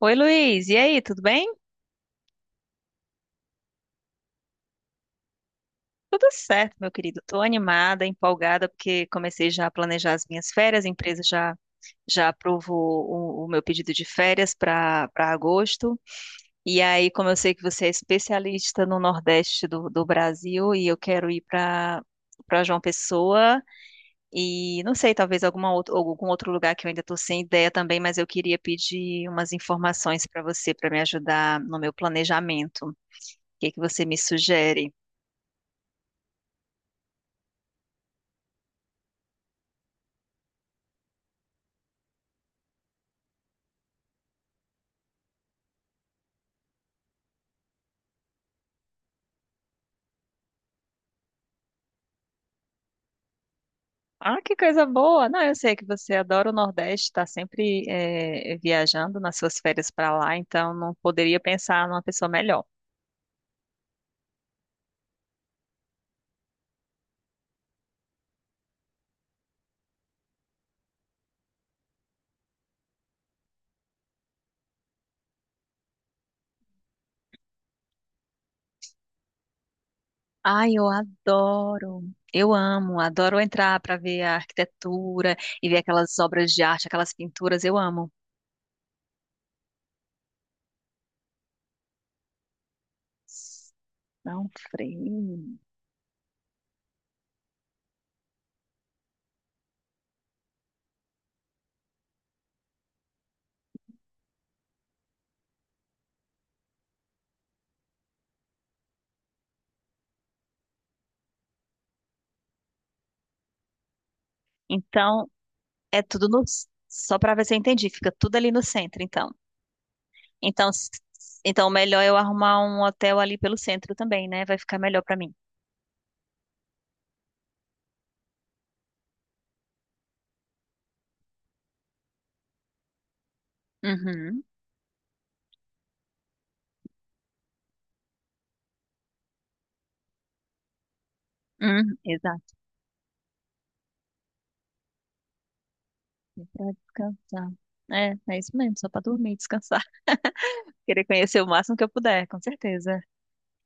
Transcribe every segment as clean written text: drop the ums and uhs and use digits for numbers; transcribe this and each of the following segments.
Oi, Luiz. E aí, tudo bem? Tudo certo, meu querido. Estou animada, empolgada, porque comecei já a planejar as minhas férias. A empresa já aprovou o meu pedido de férias para agosto. E aí, como eu sei que você é especialista no Nordeste do Brasil e eu quero ir para João Pessoa e não sei, talvez alguma outra, algum outro lugar que eu ainda estou sem ideia também, mas eu queria pedir umas informações para você para me ajudar no meu planejamento. O que que você me sugere? Ah, que coisa boa! Não, eu sei que você adora o Nordeste, está sempre viajando nas suas férias para lá, então não poderia pensar numa pessoa melhor. Ai, eu adoro! Eu amo, adoro entrar para ver a arquitetura e ver aquelas obras de arte, aquelas pinturas, eu amo. Não freio. Então, é tudo no. Só para ver se eu entendi, fica tudo ali no centro, então. Então, então melhor eu arrumar um hotel ali pelo centro também, né? Vai ficar melhor para mim. Uhum. Exato, pra descansar. É, é isso mesmo, só pra dormir, descansar. Querer conhecer o máximo que eu puder, com certeza.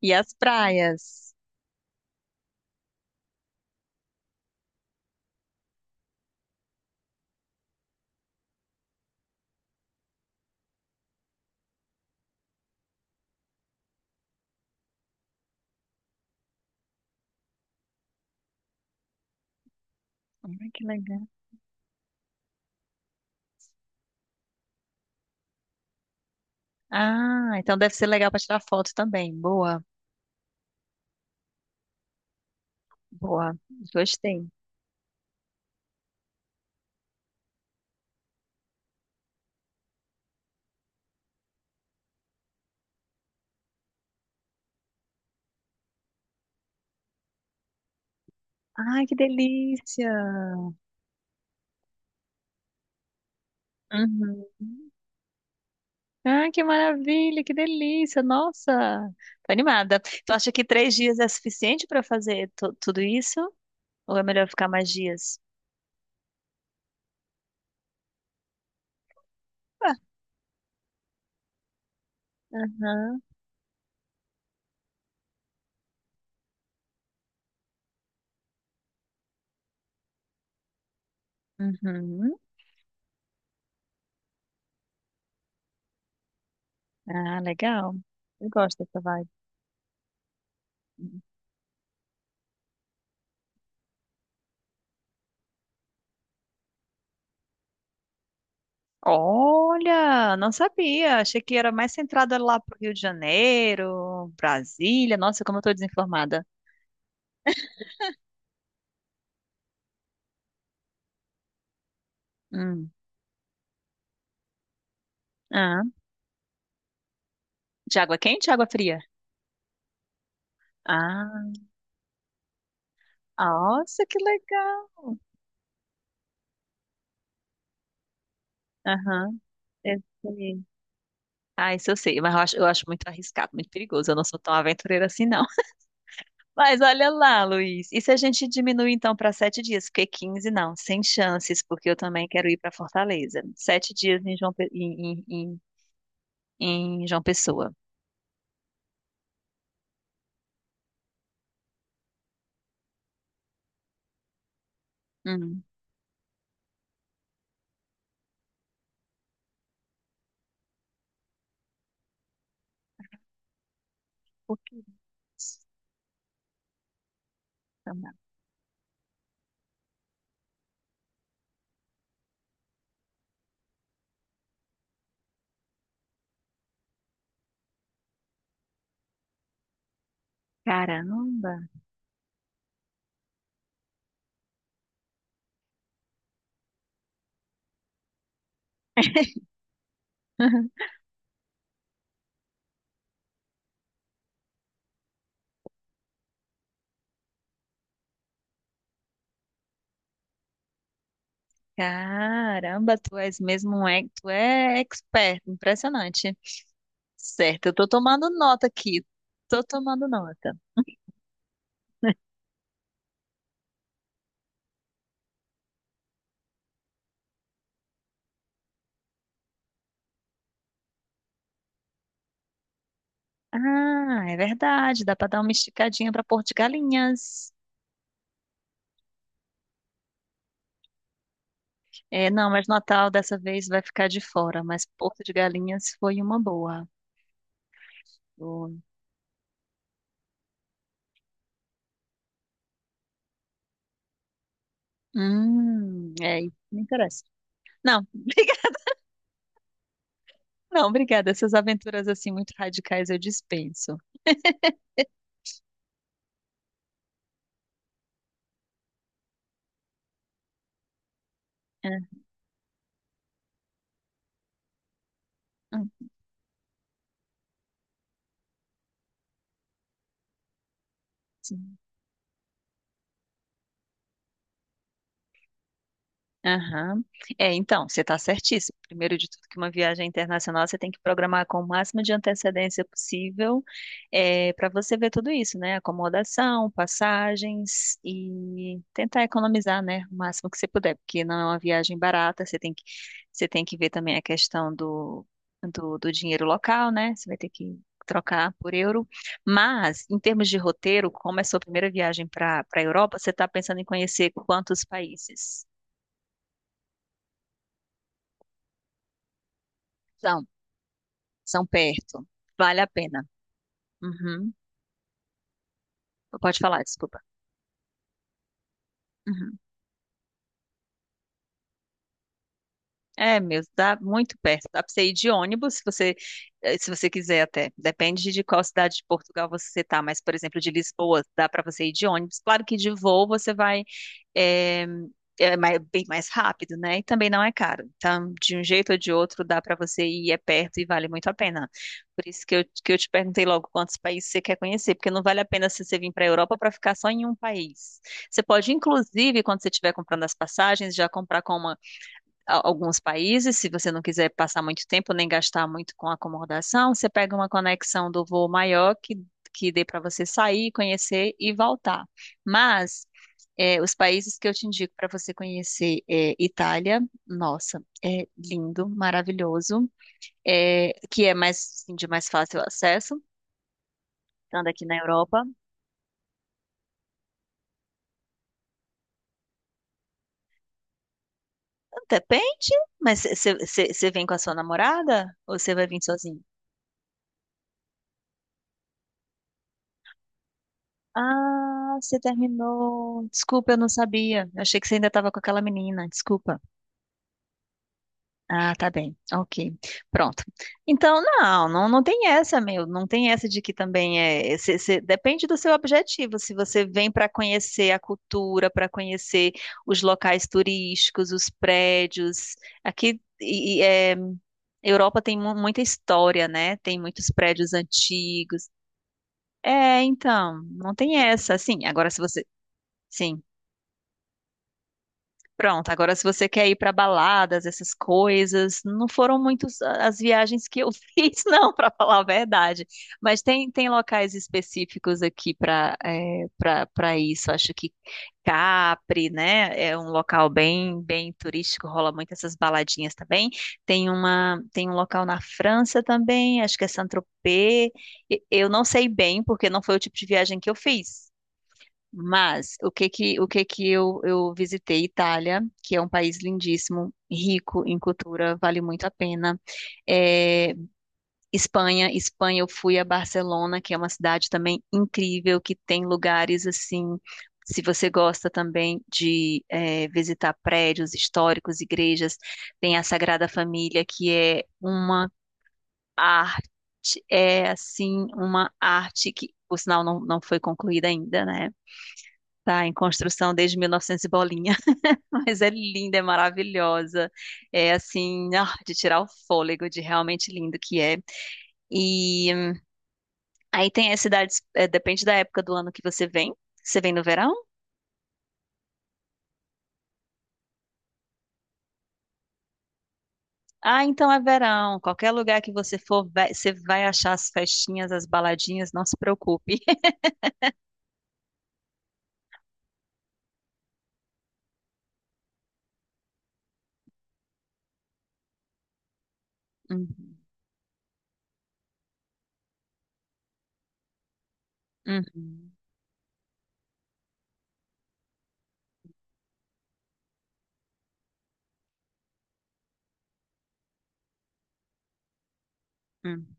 E as praias. Ai, que legal. Ah, então deve ser legal pra tirar foto também. Boa, boa. Gostei. Ai, que delícia. Uhum. Ai, que maravilha, que delícia. Nossa, tô animada. Tu acha que três dias é suficiente pra fazer tudo isso? Ou é melhor ficar mais dias? Ah, aham. Uhum. Ah, legal. Eu gosto dessa vibe. Olha, não sabia. Achei que era mais centrada lá pro Rio de Janeiro, Brasília. Nossa, como eu tô desinformada. Hum. Ah, de água quente ou água fria? Ah, nossa, que legal. Aham, eu sei. Ah, isso eu sei, mas eu acho muito arriscado, muito perigoso. Eu não sou tão aventureira assim, não. Mas olha lá, Luiz. E se a gente diminuir então para sete dias? Porque 15? Não, sem chances, porque eu também quero ir para Fortaleza. Sete dias em João, em João Pessoa. Hum, por que isso? Caramba! Caramba, tu és mesmo tu é expert, impressionante. Certo, eu tô tomando nota aqui. Tô tomando nota. Ah, é verdade, dá para dar uma esticadinha para Porto de Galinhas. É, não, mas Natal dessa vez vai ficar de fora, mas Porto de Galinhas foi uma boa. Foi. É, isso me interessa. Não, não, obrigada. Essas aventuras assim muito radicais eu dispenso. É, hum, sim. Aham. É, então, você está certíssimo. Primeiro de tudo, que uma viagem internacional você tem que programar com o máximo de antecedência possível, para você ver tudo isso, né? Acomodação, passagens e tentar economizar, né? O máximo que você puder, porque não é uma viagem barata, você tem que ver também a questão do dinheiro local, né? Você vai ter que trocar por euro. Mas, em termos de roteiro, como é sua primeira viagem para a Europa, você está pensando em conhecer quantos países? São perto. Vale a pena. Uhum. Pode falar, desculpa. Uhum. É mesmo, dá muito perto. Dá pra você ir de ônibus, se você quiser até. Depende de qual cidade de Portugal você tá, mas, por exemplo, de Lisboa, dá pra você ir de ônibus. Claro que de voo você vai. eh, Bem mais rápido, né? E também não é caro. Então, de um jeito ou de outro, dá para você ir, é perto e vale muito a pena. Por isso que eu, te perguntei logo quantos países você quer conhecer, porque não vale a pena se você vir para a Europa para ficar só em um país. Você pode, inclusive, quando você estiver comprando as passagens, já comprar com alguns países, se você não quiser passar muito tempo nem gastar muito com acomodação, você pega uma conexão do voo maior que dê para você sair, conhecer e voltar. Mas é, os países que eu te indico para você conhecer é Itália, nossa, é lindo, maravilhoso, que é mais assim, de mais fácil acesso, estando aqui na Europa. Depende, mas você vem com a sua namorada ou você vai vir sozinho? Ah, você terminou. Desculpa, eu não sabia. Eu achei que você ainda estava com aquela menina. Desculpa. Ah, tá bem. Ok. Pronto. Então, não, não, não tem essa, meu. Não tem essa de que também é. Depende do seu objetivo. Se você vem para conhecer a cultura, para conhecer os locais turísticos, os prédios. Aqui, Europa tem muita história, né? Tem muitos prédios antigos. É, então, não tem essa. Sim, agora se você. Sim. Pronto, agora se você quer ir para baladas, essas coisas, não foram muitas as viagens que eu fiz, não, para falar a verdade. Mas tem locais específicos aqui para isso. Acho que Capri, né, é um local bem bem turístico, rola muito essas baladinhas também. Tem uma tem um local na França também, acho que é Saint-Tropez. Eu não sei bem, porque não foi o tipo de viagem que eu fiz. Mas o que que eu visitei Itália, que é um país lindíssimo, rico em cultura, vale muito a pena. É, Espanha eu fui a Barcelona, que é uma cidade também incrível, que tem lugares assim. Se você gosta também de visitar prédios históricos, igrejas, tem a Sagrada Família, que é uma arte, é assim, uma arte que, por sinal, não, não foi concluída ainda, né? Tá em construção desde 1900 e novecentos e bolinha, mas é linda, é maravilhosa. É assim, ah, de tirar o fôlego, de realmente lindo que é. E hum, Aí tem as cidades, depende da época do ano que você vem. Você vem no verão? Ah, então é verão. Qualquer lugar que você for, você vai achar as festinhas, as baladinhas, não se preocupe. Uhum, uhum, uhum,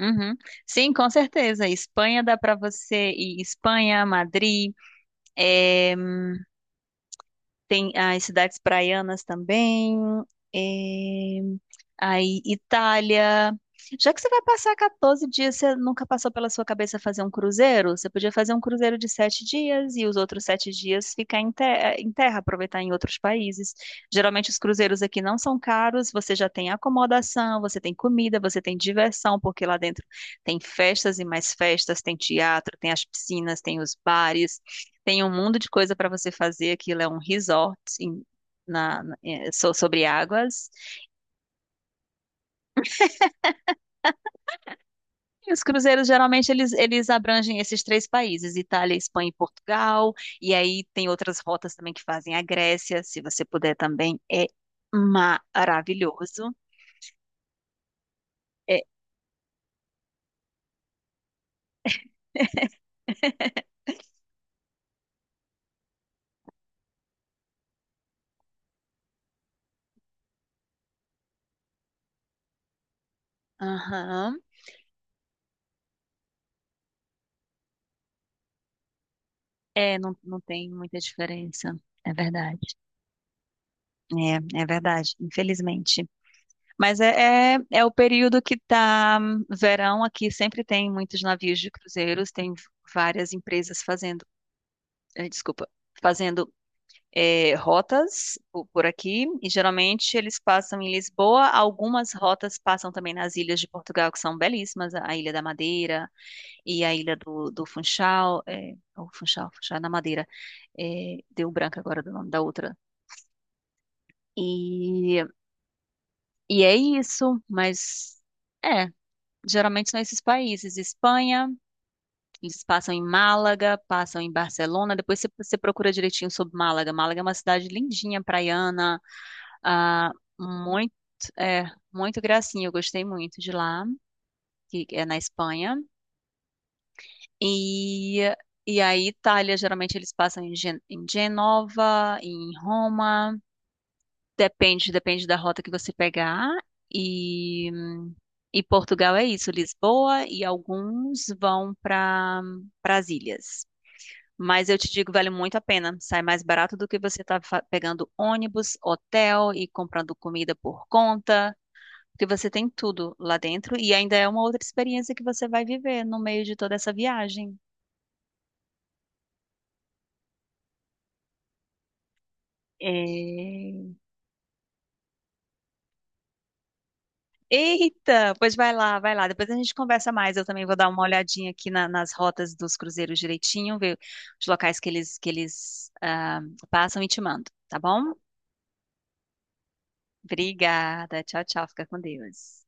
uhum. Sim, com certeza. Espanha dá para você ir Espanha, Madrid. é, Tem as cidades praianas também. É, Aí, Itália. Já que você vai passar 14 dias, você nunca passou pela sua cabeça fazer um cruzeiro? Você podia fazer um cruzeiro de sete dias e os outros sete dias ficar em, em terra, aproveitar em outros países. Geralmente os cruzeiros aqui não são caros, você já tem acomodação, você tem comida, você tem diversão, porque lá dentro tem festas e mais festas, tem teatro, tem as piscinas, tem os bares, tem um mundo de coisa para você fazer. Aquilo é um resort sobre águas. E os cruzeiros geralmente eles abrangem esses três países, Itália, Espanha e Portugal, e aí tem outras rotas também que fazem a Grécia, se você puder também, é maravilhoso. É, aham. É, não, não tem muita diferença, é verdade. É, é verdade, infelizmente. Mas é o período que tá verão aqui, sempre tem muitos navios de cruzeiros, tem várias empresas fazendo, desculpa, fazendo rotas por aqui, e geralmente eles passam em Lisboa. Algumas rotas passam também nas ilhas de Portugal, que são belíssimas, a Ilha da Madeira e a Ilha do Funchal, o Funchal na Madeira, deu branco agora do nome da outra. E, e é isso, mas é, geralmente são esses países, Espanha. Eles passam em Málaga, passam em Barcelona. Depois você procura direitinho sobre Málaga. Málaga é uma cidade lindinha, praiana, ah, muito, é, muito gracinha, eu gostei muito de lá, que é na Espanha. E, e a Itália, geralmente eles passam em, Gen em Genova, em Roma, depende da rota que você pegar. E, e Portugal é isso, Lisboa, e alguns vão para as ilhas. Mas eu te digo, vale muito a pena. Sai mais barato do que você tá pegando ônibus, hotel e comprando comida por conta. Porque você tem tudo lá dentro e ainda é uma outra experiência que você vai viver no meio de toda essa viagem. É. Eita, pois vai lá, vai lá. Depois a gente conversa mais. Eu também vou dar uma olhadinha aqui nas rotas dos cruzeiros direitinho, ver os locais que eles passam e te mando, tá bom? Obrigada. Tchau, tchau. Fica com Deus.